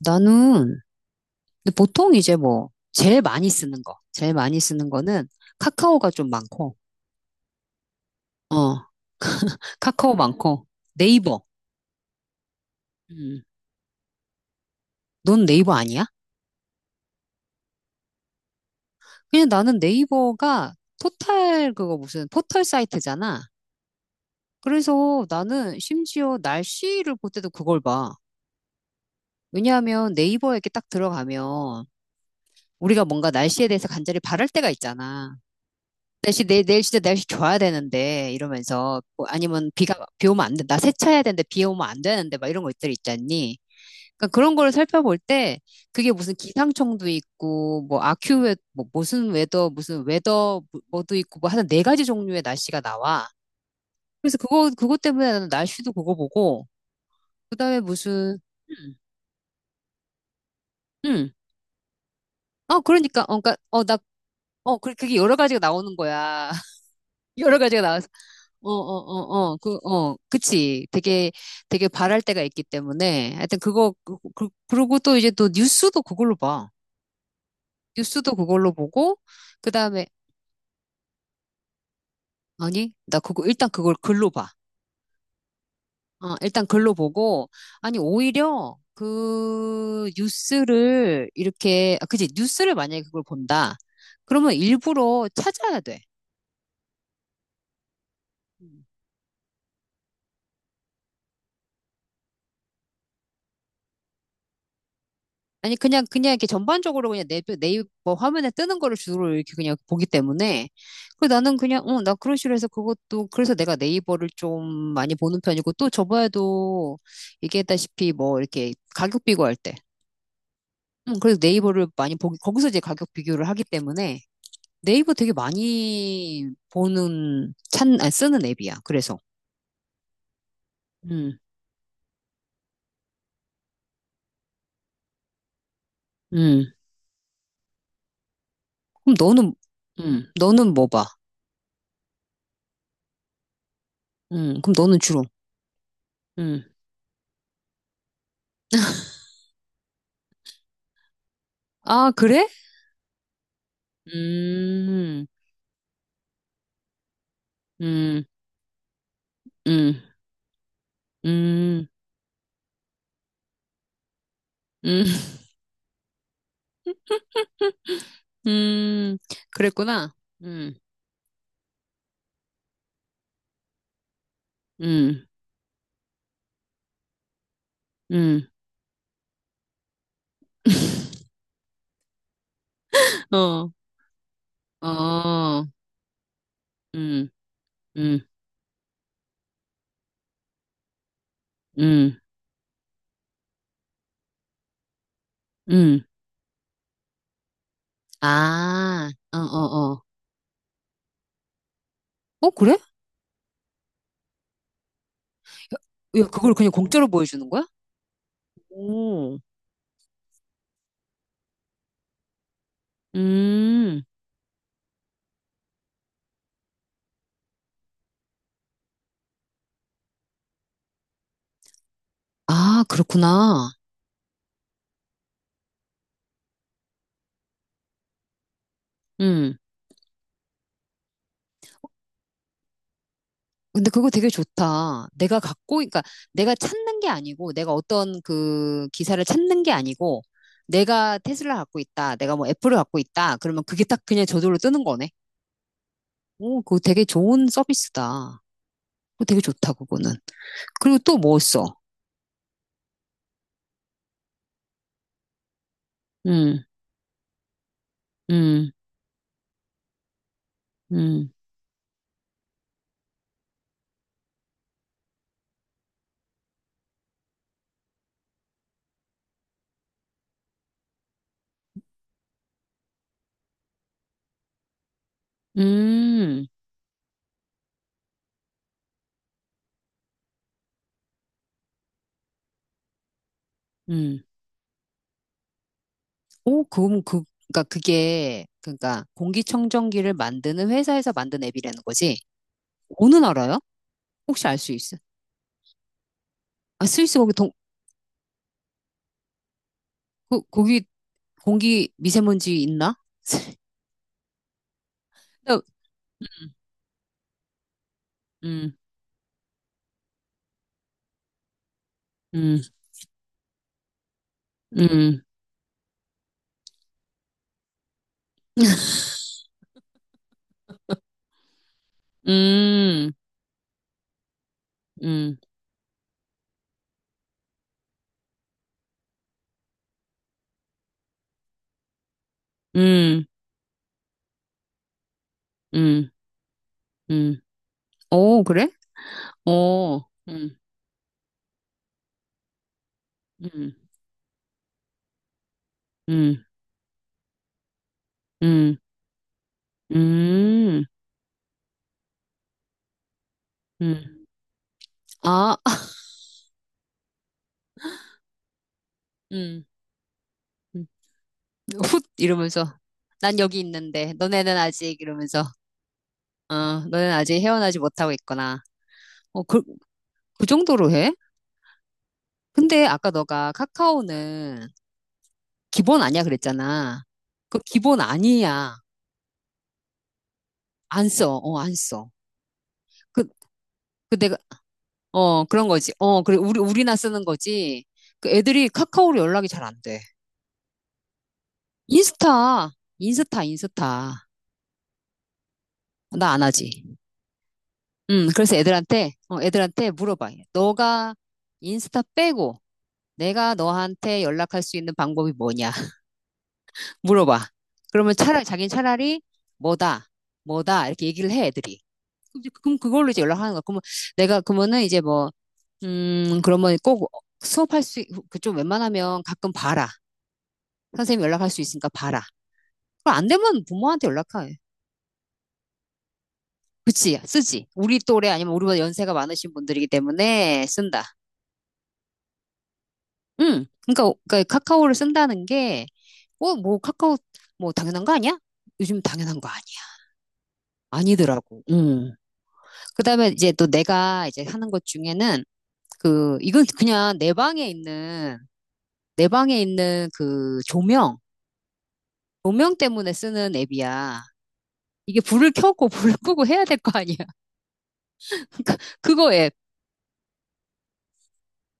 나는 근데 보통 이제 뭐 제일 많이 쓰는 거는 카카오가 좀 많고, 어, 카카오 많고 네이버. 음, 넌 네이버 아니야? 그냥 나는 네이버가 포털 그거 무슨 포털 사이트잖아. 그래서 나는 심지어 날씨를 볼 때도 그걸 봐. 왜냐하면 네이버에 이렇게 딱 들어가면 우리가 뭔가 날씨에 대해서 간절히 바랄 때가 있잖아. 날씨 내일 진짜 날씨 좋아야 되는데 이러면서 뭐 아니면 비가 비 오면 안 돼. 나 세차해야 되는데 비 오면 안 되는데 막 이런 것들 있잖니. 그러니까 그런 거를 살펴볼 때 그게 무슨 기상청도 있고 뭐 아큐웨 뭐 무슨 웨더 뭐, 뭐도 있고 뭐 하여튼 네 가지 종류의 날씨가 나와. 그래서 그거 그것 때문에 나는 날씨도 그거 보고 그다음에 무슨 음, 음. 어 그러니까 어 그러니까 어나어 그게 여러 가지가 나오는 거야. 여러 가지가 나와서 어, 어, 어, 어, 그, 어, 그치. 되게, 되게 바랄 때가 있기 때문에. 하여튼 그러고 또 이제 또 뉴스도 그걸로 봐. 뉴스도 그걸로 보고, 그 다음에, 아니, 나 그거, 일단 그걸 글로 봐. 어, 일단 글로 보고, 아니, 오히려 그 뉴스를 이렇게, 아, 그치. 뉴스를 만약에 그걸 본다. 그러면 일부러 찾아야 돼. 아니 그냥 이렇게 전반적으로 그냥 내 네이버 화면에 뜨는 거를 주로 이렇게 그냥 보기 때문에 그 나는 그냥 나 그런 식으로 해서 그것도 그래서 내가 네이버를 좀 많이 보는 편이고 또 저번에도 얘기했다시피 뭐 이렇게 가격 비교할 때 그래서 네이버를 많이 보기 거기서 이제 가격 비교를 하기 때문에 네이버 되게 많이 보는 쓰는 앱이야 그래서 음 음 그럼 너는 뭐 봐? 그럼 너는 주로 음 아 그래? 음 음, 음, 음, 음, 음, 그랬구나. 음, 음, 음, 어, 어, 음, 음, 음, 음. 아, 어, 어, 어. 어, 그래? 야, 야, 그걸 그냥 공짜로 보여주는 거야? 오, 음, 아, 그렇구나. 근데 그거 되게 좋다. 내가 갖고, 그러니까 내가 찾는 게 아니고, 내가 어떤 그 기사를 찾는 게 아니고, 내가 테슬라 갖고 있다. 내가 뭐 애플을 갖고 있다. 그러면 그게 딱 그냥 저절로 뜨는 거네. 오, 그거 되게 좋은 서비스다. 그거 되게 좋다, 그거는. 그리고 또 뭐 써? 음, 음, 음, 음, 음. 오, 그럼 그, 그러니까 그게, 그러니까 공기청정기를 만드는 회사에서 만든 앱이라는 거지. 어느 나라야? 혹시 알 수 있어? 아, 스위스 거기 동, 거, 거기 공기 미세먼지 있나? 음, 음, 음, 음, 음, 음, 음, 음, 음. 오, 그래? 오, 음, 음, 음, 음, 음, 음. 아, 음, 음. 훗 이러면서 난 여기 있는데 너네는 아직 이러면서 어, 너네는 아직 헤어나지 못하고 있거나 어, 그, 그 정도로 해? 근데 아까 너가 카카오는 기본 아니야 그랬잖아. 그 기본 아니야. 안 써. 어, 안 써. 그, 그 내가, 어, 그런 거지. 어, 그래. 우리나 쓰는 거지. 그 애들이 카카오로 연락이 잘 안 돼. 인스타, 인스타, 인스타. 나 안 하지. 그래서 애들한테, 어, 애들한테 물어봐. 너가 인스타 빼고 내가 너한테 연락할 수 있는 방법이 뭐냐? 물어봐. 그러면 차라리, 자기는 차라리 뭐다, 뭐다, 이렇게 얘기를 해, 애들이. 그럼, 그럼 그걸로 이제 연락하는 거야. 그러면 내가, 그러면은 이제 뭐, 그러면 꼭 수업할 수, 그 좀 웬만하면 가끔 봐라. 선생님 연락할 수 있으니까 봐라. 그럼 안 되면 부모한테 연락해. 그치, 쓰지. 우리 또래 아니면 우리보다 연세가 많으신 분들이기 때문에 쓴다. 응. 그러니까, 그러니까 카카오를 쓴다는 게, 어, 뭐 카카오, 뭐 당연한 거 아니야? 요즘 당연한 거 아니야. 아니더라고. 응. 그다음에 이제 또 내가 이제 하는 것 중에는 그, 이건 그냥 내 방에 있는, 내 방에 있는 그 조명, 조명 때문에 쓰는 앱이야. 이게 불을 켜고 불을 끄고 해야 될 거 아니야. 그거 앱.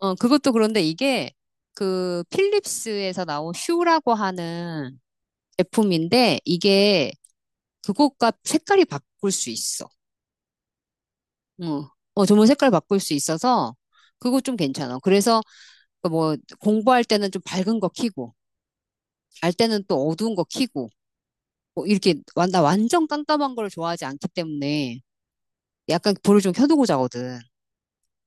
어, 그것도 그런데 이게 그 필립스에서 나온 슈라고 하는 제품인데 이게 그것과 색깔이 바꿀 수 있어. 어, 어, 조명 색깔 바꿀 수 있어서 그거 좀 괜찮아. 그래서 그 뭐 공부할 때는 좀 밝은 거 켜고 잘 때는 또 어두운 거 켜고 뭐 이렇게 나 완전 깜깜한 걸 좋아하지 않기 때문에 약간 불을 좀 켜두고 자거든.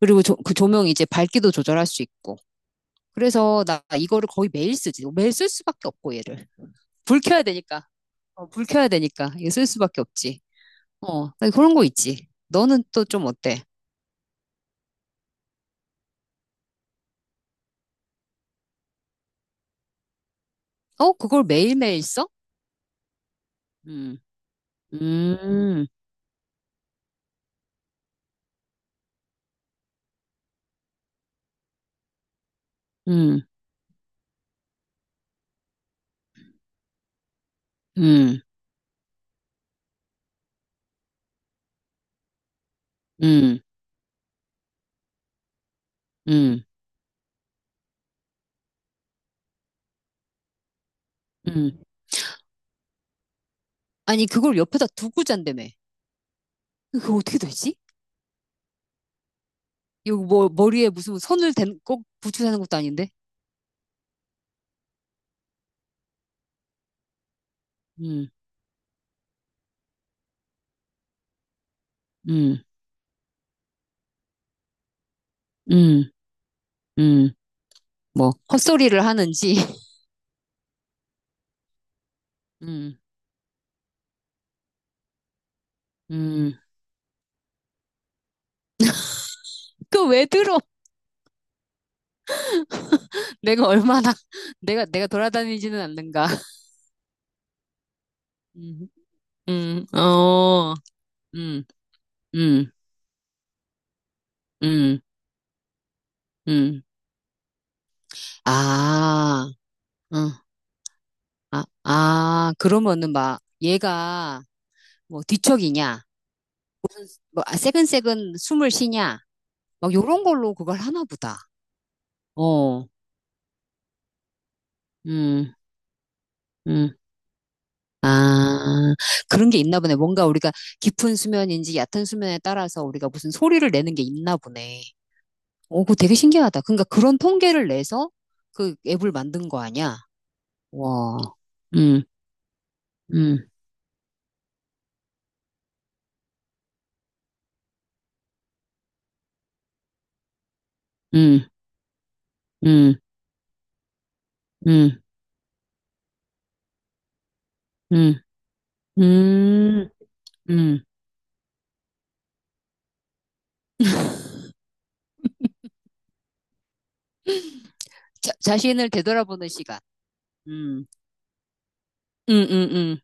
그리고 조, 그 조명이 이제 밝기도 조절할 수 있고. 그래서 나 이거를 거의 매일 쓰지. 뭐 매일 쓸 수밖에 없고 얘를. 불 켜야 되니까. 어, 불 켜야 되니까. 이거 쓸 수밖에 없지. 어, 나 그런 거 있지. 너는 또 좀 어때? 어, 그걸 매일매일 써? 음, 음, 음, 음, 음, 음, 음. 아니, 그걸 옆에다 두고 잔다며. 그거 어떻게 되지? 이거 뭐, 머리에 무슨 선을 댄, 꼭 붙여 사는 것도 아닌데? 음, 음, 음, 음. 뭐, 헛소리를 하는지. 음. 음, 그 왜 들어? 내가 얼마나, 내가, 내가 돌아다니지는 않는가. 음, 어, 음, 음, 음, 음. 아, 응, 아, 아, 그러면은 막, 얘가 뭐 뒤척이냐, 뭐 아, 새근새근 숨을 쉬냐, 막 요런 걸로 그걸 하나 보다. 어, 음, 음. 아, 그런 게 있나 보네. 뭔가 우리가 깊은 수면인지 얕은 수면에 따라서 우리가 무슨 소리를 내는 게 있나 보네. 오, 그거 되게 신기하다. 그러니까 그런 통계를 내서 그 앱을 만든 거 아니야? 와. 음, 음, 음, 음, 음, 음, 음, 음. 자, 자신을 되돌아보는 시간. 음, 음, 음, 음.